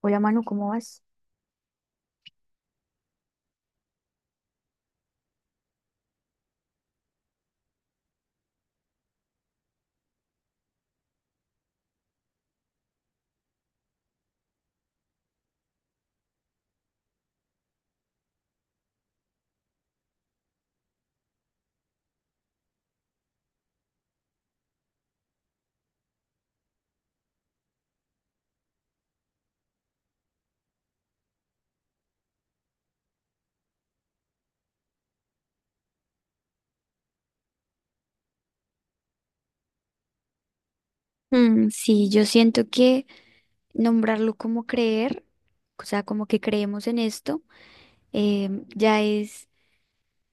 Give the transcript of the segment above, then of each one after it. Hola Manu, ¿cómo vas? Mm, sí, yo siento que nombrarlo como creer, o sea, como que creemos en esto, ya es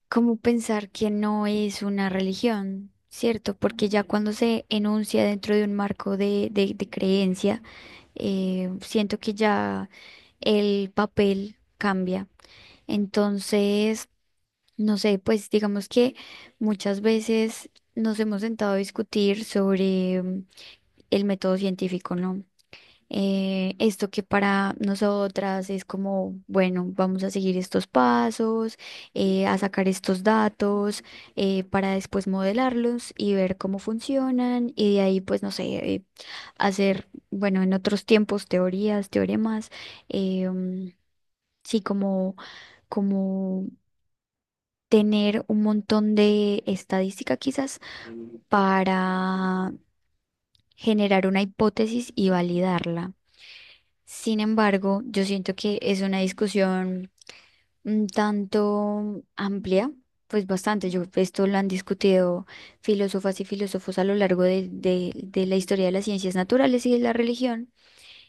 como pensar que no es una religión, ¿cierto? Porque ya cuando se enuncia dentro de un marco de creencia, siento que ya el papel cambia. Entonces, no sé, pues digamos que muchas veces nos hemos sentado a discutir sobre el método científico, ¿no? Esto que para nosotras es como, bueno, vamos a seguir estos pasos, a sacar estos datos, para después modelarlos y ver cómo funcionan y de ahí, pues, no sé, eh, hacer, bueno, en otros tiempos, teorías, teoremas, eh, mm, sí, como tener un montón de estadística quizás para generar una hipótesis y validarla. Sin embargo, yo siento que es una discusión un tanto amplia, pues bastante. Yo, esto lo han discutido filósofas y filósofos a lo largo de la historia de las ciencias naturales y de la religión,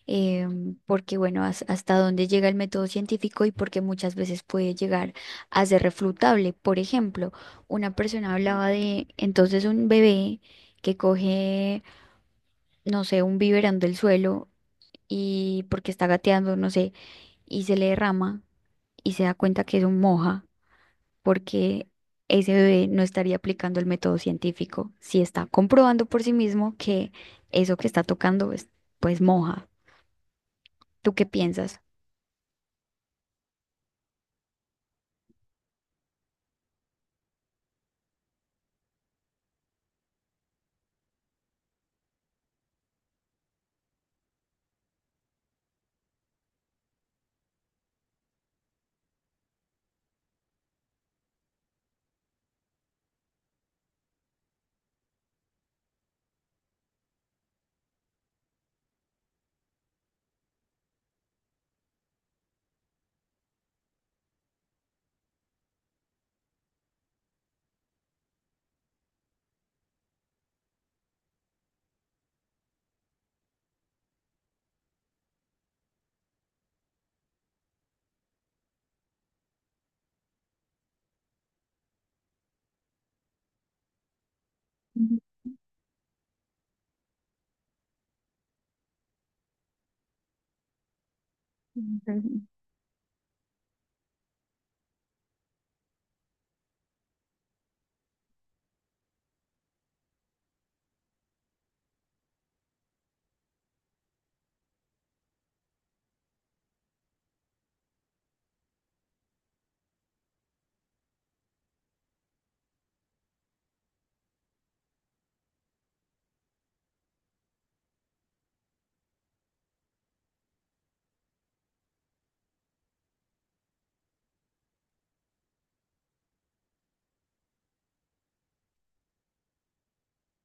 eh, porque, bueno, hasta dónde llega el método científico y porque muchas veces puede llegar a ser refutable. Por ejemplo, una persona hablaba de entonces un bebé que coge, no sé, un biberón del suelo y porque está gateando, no sé, y se le derrama y se da cuenta que es un moja porque ese bebé no estaría aplicando el método científico si está comprobando por sí mismo que eso que está tocando es pues moja. ¿Tú qué piensas? Ujú. Ujú.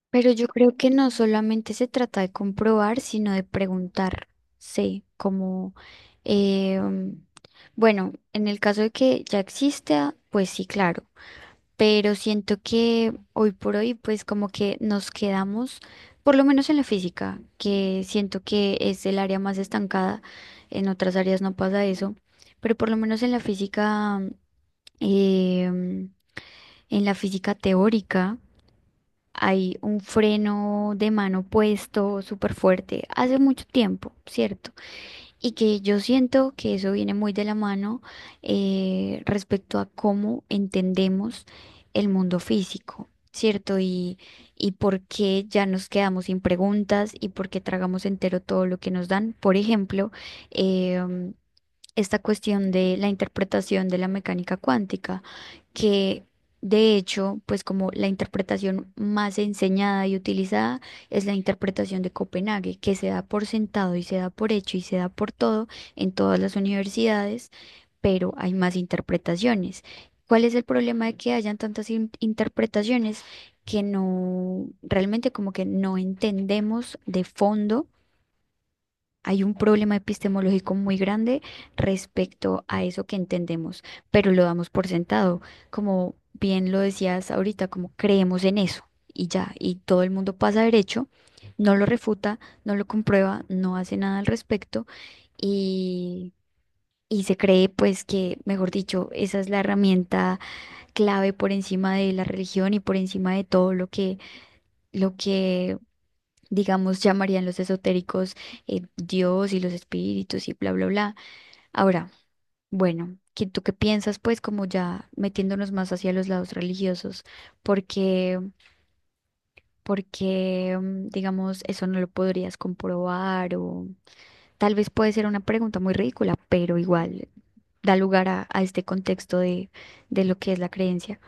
Pero yo creo que no solamente se trata de comprobar, sino de preguntar. Sí, como, eh, bueno, en el caso de que ya exista, pues sí, claro. Pero siento que hoy por hoy pues como que nos quedamos, por lo menos en la física, que siento que es el área más estancada, en otras áreas no pasa eso, pero por lo menos en la física, em, en la física teórica hay un freno de mano puesto súper fuerte hace mucho tiempo, ¿cierto? Y que yo siento que eso viene muy de la mano respecto a cómo entendemos el mundo físico, ¿cierto? Y por qué ya nos quedamos sin preguntas y por qué tragamos entero todo lo que nos dan. Por ejemplo, em, esta cuestión de la interpretación de la mecánica cuántica, que de hecho, pues como la interpretación más enseñada y utilizada es la interpretación de Copenhague, que se da por sentado y se da por hecho y se da por todo en todas las universidades, pero hay más interpretaciones. ¿Cuál es el problema de que hayan tantas interpretaciones que no, realmente como que no entendemos de fondo? Hay un problema epistemológico muy grande respecto a eso que entendemos, pero lo damos por sentado. Como bien lo decías ahorita, como creemos en eso y ya, y todo el mundo pasa derecho, no lo refuta, no lo comprueba, no hace nada al respecto y, y se cree pues que, mejor dicho, esa es la herramienta clave por encima de la religión y por encima de todo lo que digamos, llamarían los esotéricos Dios y los espíritus y bla, bla, bla. Ahora, bueno, ¿tú qué piensas, pues, como ya metiéndonos más hacia los lados religiosos? Porque, porque, mm, digamos, eso no lo podrías comprobar o tal vez puede ser una pregunta muy ridícula, pero igual da lugar a este contexto de lo que es la creencia.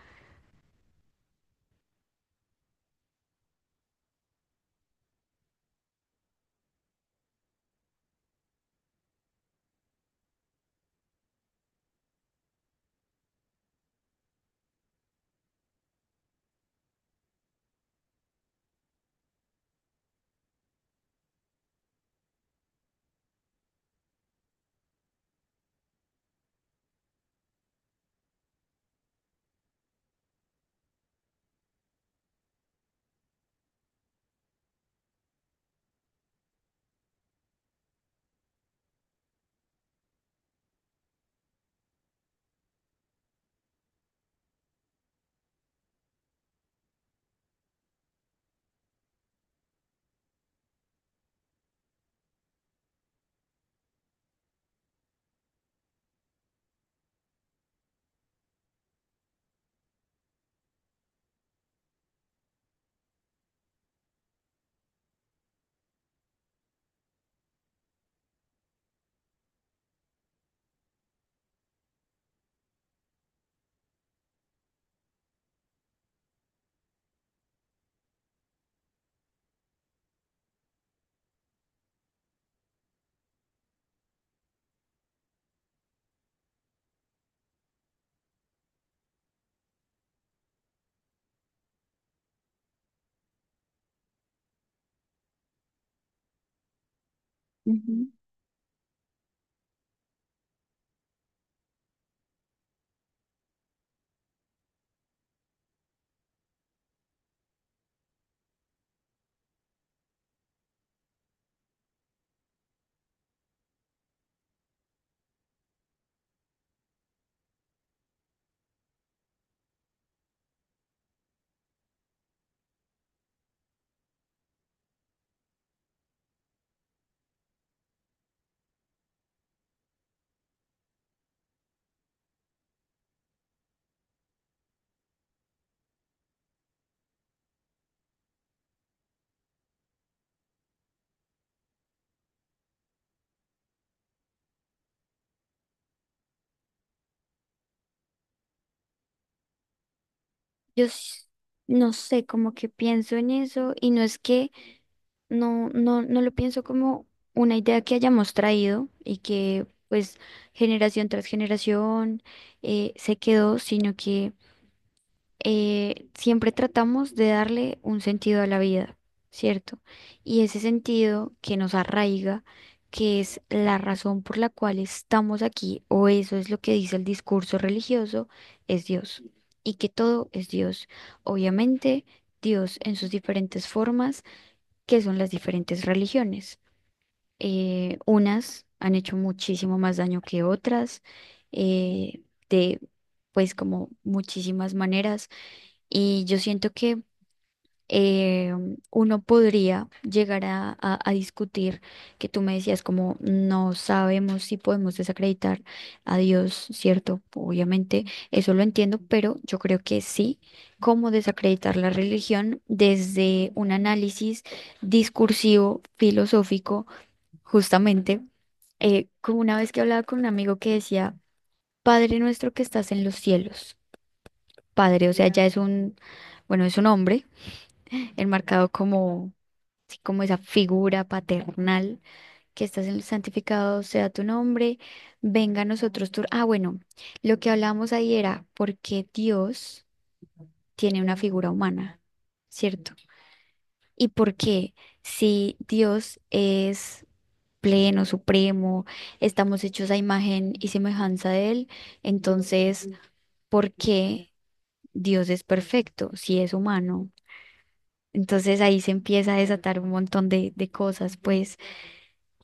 Yo s- no sé, como que pienso en eso y no es que no, no, no lo pienso como una idea que hayamos traído y que pues generación tras generación se quedó, sino que siempre tratamos de darle un sentido a la vida, ¿cierto? Y ese sentido que nos arraiga, que es la razón por la cual estamos aquí, o eso es lo que dice el discurso religioso, es Dios. Y que todo es Dios. Obviamente, Dios en sus diferentes formas que son las diferentes religiones. Unas han hecho muchísimo más daño que otras, eh, de pues como muchísimas maneras. Y yo siento que eh, uno podría llegar a discutir, que tú me decías como no sabemos si podemos desacreditar a Dios, ¿cierto? Obviamente, eso lo entiendo, pero yo creo que sí, cómo desacreditar la religión desde un análisis discursivo, filosófico, justamente, como una vez que hablaba con un amigo que decía, Padre nuestro que estás en los cielos, Padre, o sea, ya es un, bueno, es un hombre enmarcado como como esa figura paternal, que estás en el santificado sea tu nombre, venga a nosotros tu Ah, bueno, lo que hablamos ahí era por qué Dios tiene una figura humana, ¿cierto? Y por qué si Dios es pleno, supremo, estamos hechos a imagen y semejanza de Él, entonces, ¿por qué Dios es perfecto si es humano? Entonces ahí se empieza a desatar un montón de cosas, pues.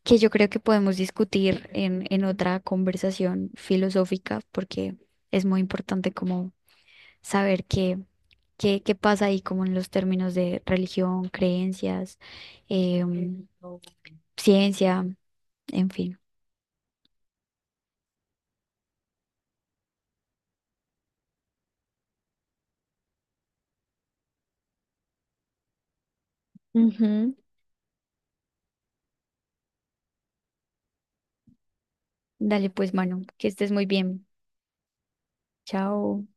Que yo creo que podemos discutir en otra conversación filosófica, porque es muy importante como saber qué, qué, qué pasa ahí como en los términos de religión, creencias, em, ciencia, en fin. Ujú. Dale pues, mano, que estés muy bien. Chao.